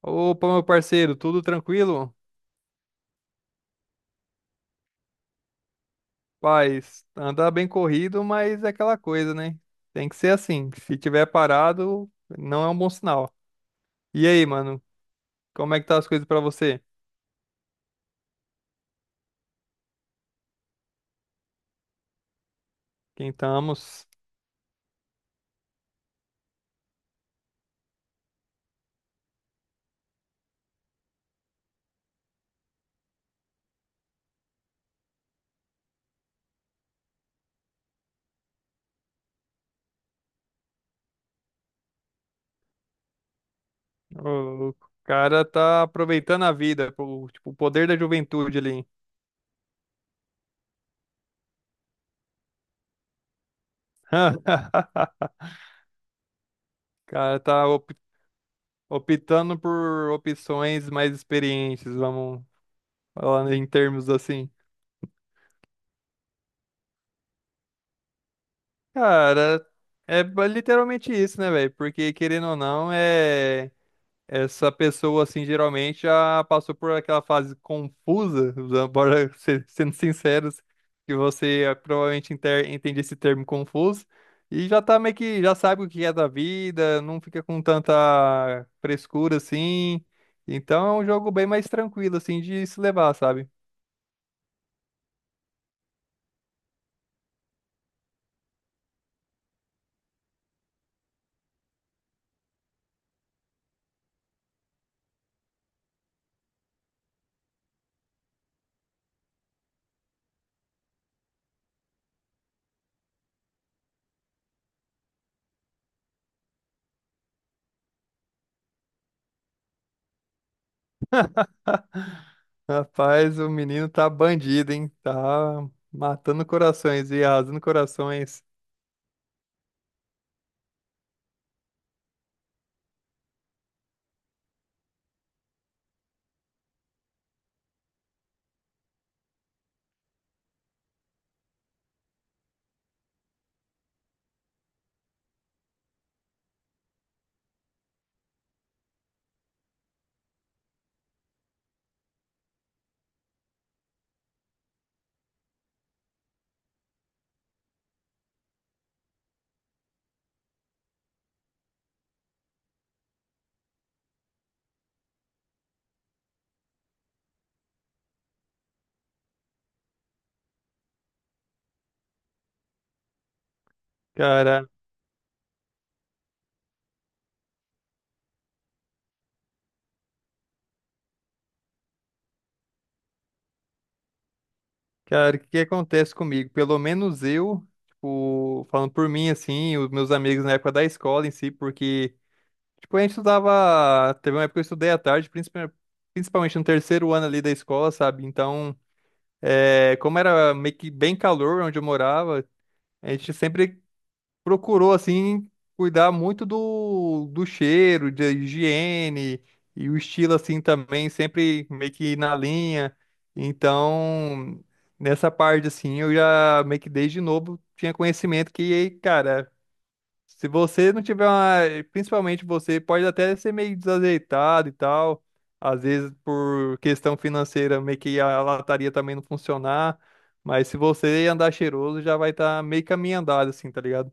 Opa, meu parceiro, tudo tranquilo? Paz, anda bem corrido, mas é aquela coisa, né? Tem que ser assim. Se tiver parado, não é um bom sinal. E aí, mano, como é que tá as coisas pra você? Quentamos. O o cara tá aproveitando a vida, o, tipo, o poder da juventude ali. O cara tá optando por opções mais experientes, vamos falar em termos assim. Cara, é literalmente isso, né, velho? Porque querendo ou não, é essa pessoa assim geralmente já passou por aquela fase confusa, bora ser, sendo sinceros, que você é, provavelmente entende esse termo confuso e já tá meio que já sabe o que é da vida, não fica com tanta frescura assim. Então é um jogo bem mais tranquilo assim de se levar, sabe? Rapaz, o menino tá bandido, hein? Tá matando corações e arrasando corações. Cara, cara, o que que acontece comigo? Pelo menos eu, tipo, falando por mim, assim, os meus amigos na época da escola em si, porque, tipo, a gente estudava. Teve uma época que eu estudei à tarde, principalmente no terceiro ano ali da escola, sabe? Então, é, como era meio que bem calor onde eu morava, a gente sempre procurou assim cuidar muito do cheiro, da higiene e o estilo assim também, sempre meio que na linha. Então, nessa parte assim, eu já meio que desde novo tinha conhecimento que, cara, se você não tiver uma, principalmente você pode até ser meio desajeitado e tal, às vezes por questão financeira, meio que a lataria também não funcionar. Mas se você andar cheiroso, já vai estar meio caminho andado, assim, tá ligado?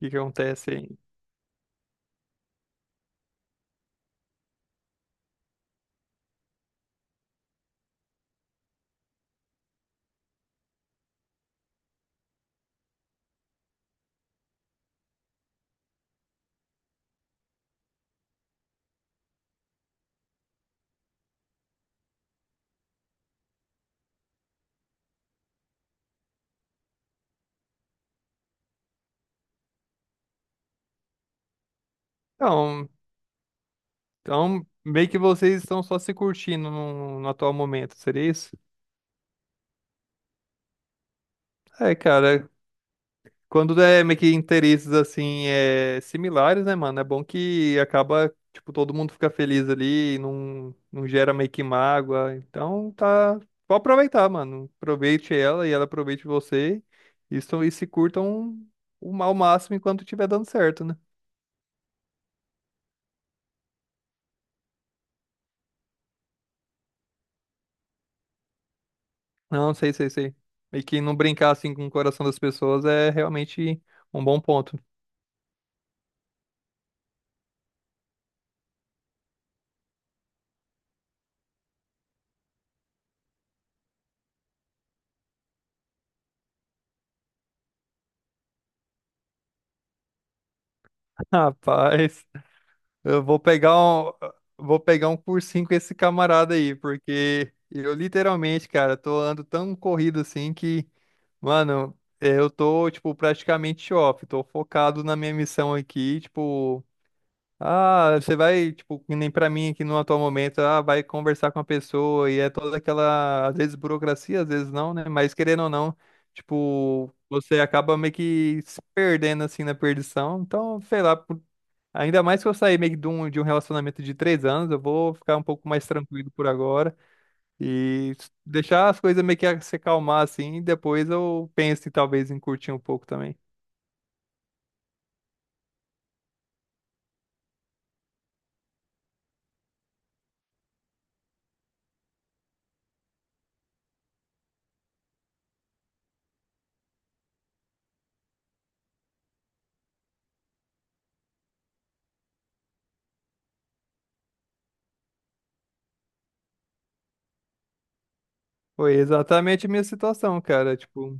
Que acontece aí? Então, então, meio que vocês estão só se curtindo no, no atual momento, seria isso? É, cara, quando é meio que interesses assim, é, similares, né, mano? É bom que acaba, tipo, todo mundo fica feliz ali, não gera meio que mágoa. Então, tá. Pode aproveitar, mano. Aproveite ela e ela aproveite você. Isso, e se curtam o ao máximo enquanto estiver dando certo, né? Não, sei, sei, sei. E que não brincar assim com o coração das pessoas é realmente um bom ponto. Rapaz, eu vou pegar um cursinho com esse camarada aí, porque eu literalmente, cara, tô ando tão corrido assim que, mano, é, eu tô, tipo, praticamente off, tô focado na minha missão aqui, tipo, Ah, você vai, tipo, que nem pra mim aqui no atual momento, ah, vai conversar com a pessoa e é toda aquela, às vezes burocracia, às vezes não, né? Mas querendo ou não, tipo, você acaba meio que se perdendo assim na perdição. Então, sei lá, ainda mais que eu sair meio que de um relacionamento de 3 anos, eu vou ficar um pouco mais tranquilo por agora deixar as coisas meio que se acalmar assim. Depois eu penso em, talvez em curtir um pouco também. Foi exatamente a minha situação, cara. Tipo,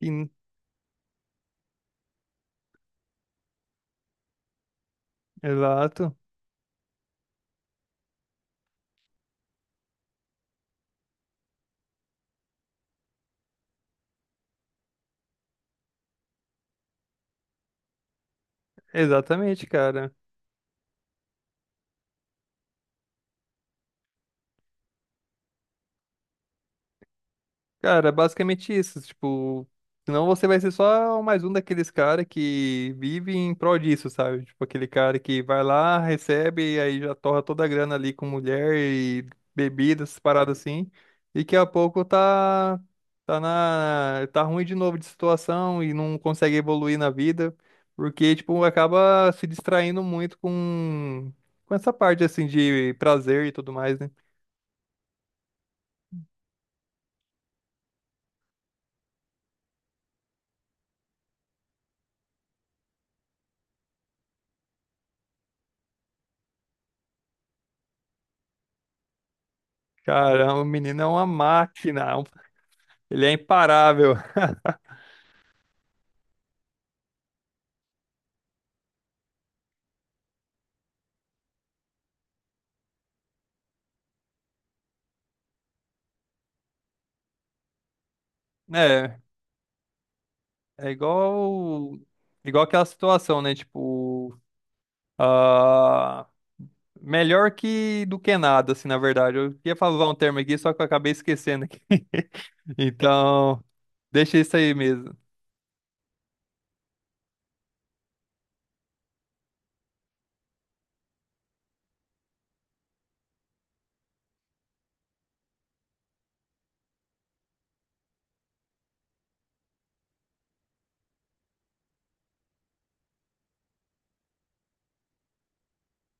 in- exato. Exatamente, cara. Cara, é basicamente isso. Tipo, senão você vai ser só mais um daqueles caras que vive em prol disso, sabe? Tipo, aquele cara que vai lá, recebe, e aí já torra toda a grana ali com mulher e bebidas, paradas assim. E daqui a pouco tá na, tá ruim de novo de situação e não consegue evoluir na vida. Porque, tipo, acaba se distraindo muito com essa parte, assim, de prazer e tudo mais, né? Caramba, o menino é uma máquina. Ele é imparável. É, é igual, igual aquela situação, né? Tipo, ah, melhor que do que nada, assim, na verdade. Eu ia falar um termo aqui, só que eu acabei esquecendo aqui. Então, deixa isso aí mesmo.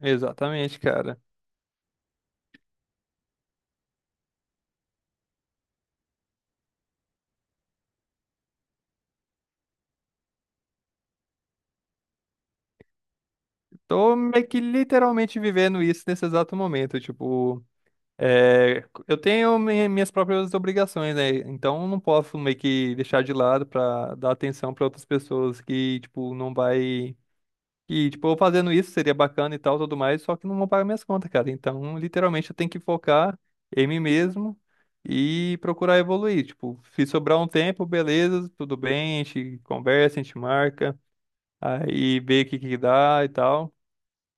Exatamente, cara. Tô meio que literalmente vivendo isso nesse exato momento. Tipo, É, eu tenho minhas próprias obrigações, né? Então eu não posso meio que deixar de lado pra dar atenção pra outras pessoas que, tipo, não vai. Que, tipo, eu fazendo isso seria bacana e tal, tudo mais, só que não vão pagar minhas contas, cara. Então, literalmente, eu tenho que focar em mim mesmo e procurar evoluir. Tipo, se sobrar um tempo, beleza, tudo bem, a gente conversa, a gente marca, aí vê o que que dá e tal.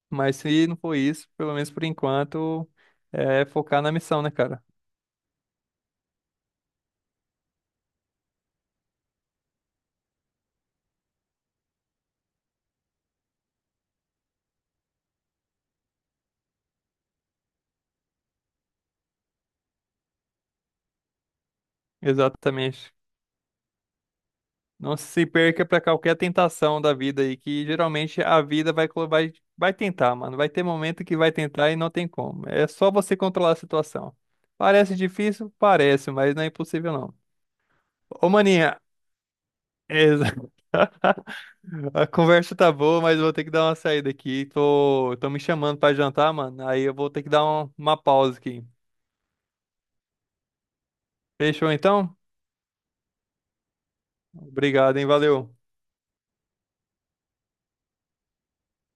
Mas se não for isso, pelo menos por enquanto, é focar na missão, né, cara? Exatamente. Não se perca pra qualquer tentação da vida aí, que geralmente a vida vai, vai tentar, mano. Vai ter momento que vai tentar e não tem como. É só você controlar a situação. Parece difícil? Parece, mas não é impossível, não. Ô, maninha, exa- a conversa tá boa, mas eu vou ter que dar uma saída aqui. Tô me chamando pra jantar, mano. Aí eu vou ter que dar uma pausa aqui. Fechou então? Obrigado, hein? Valeu.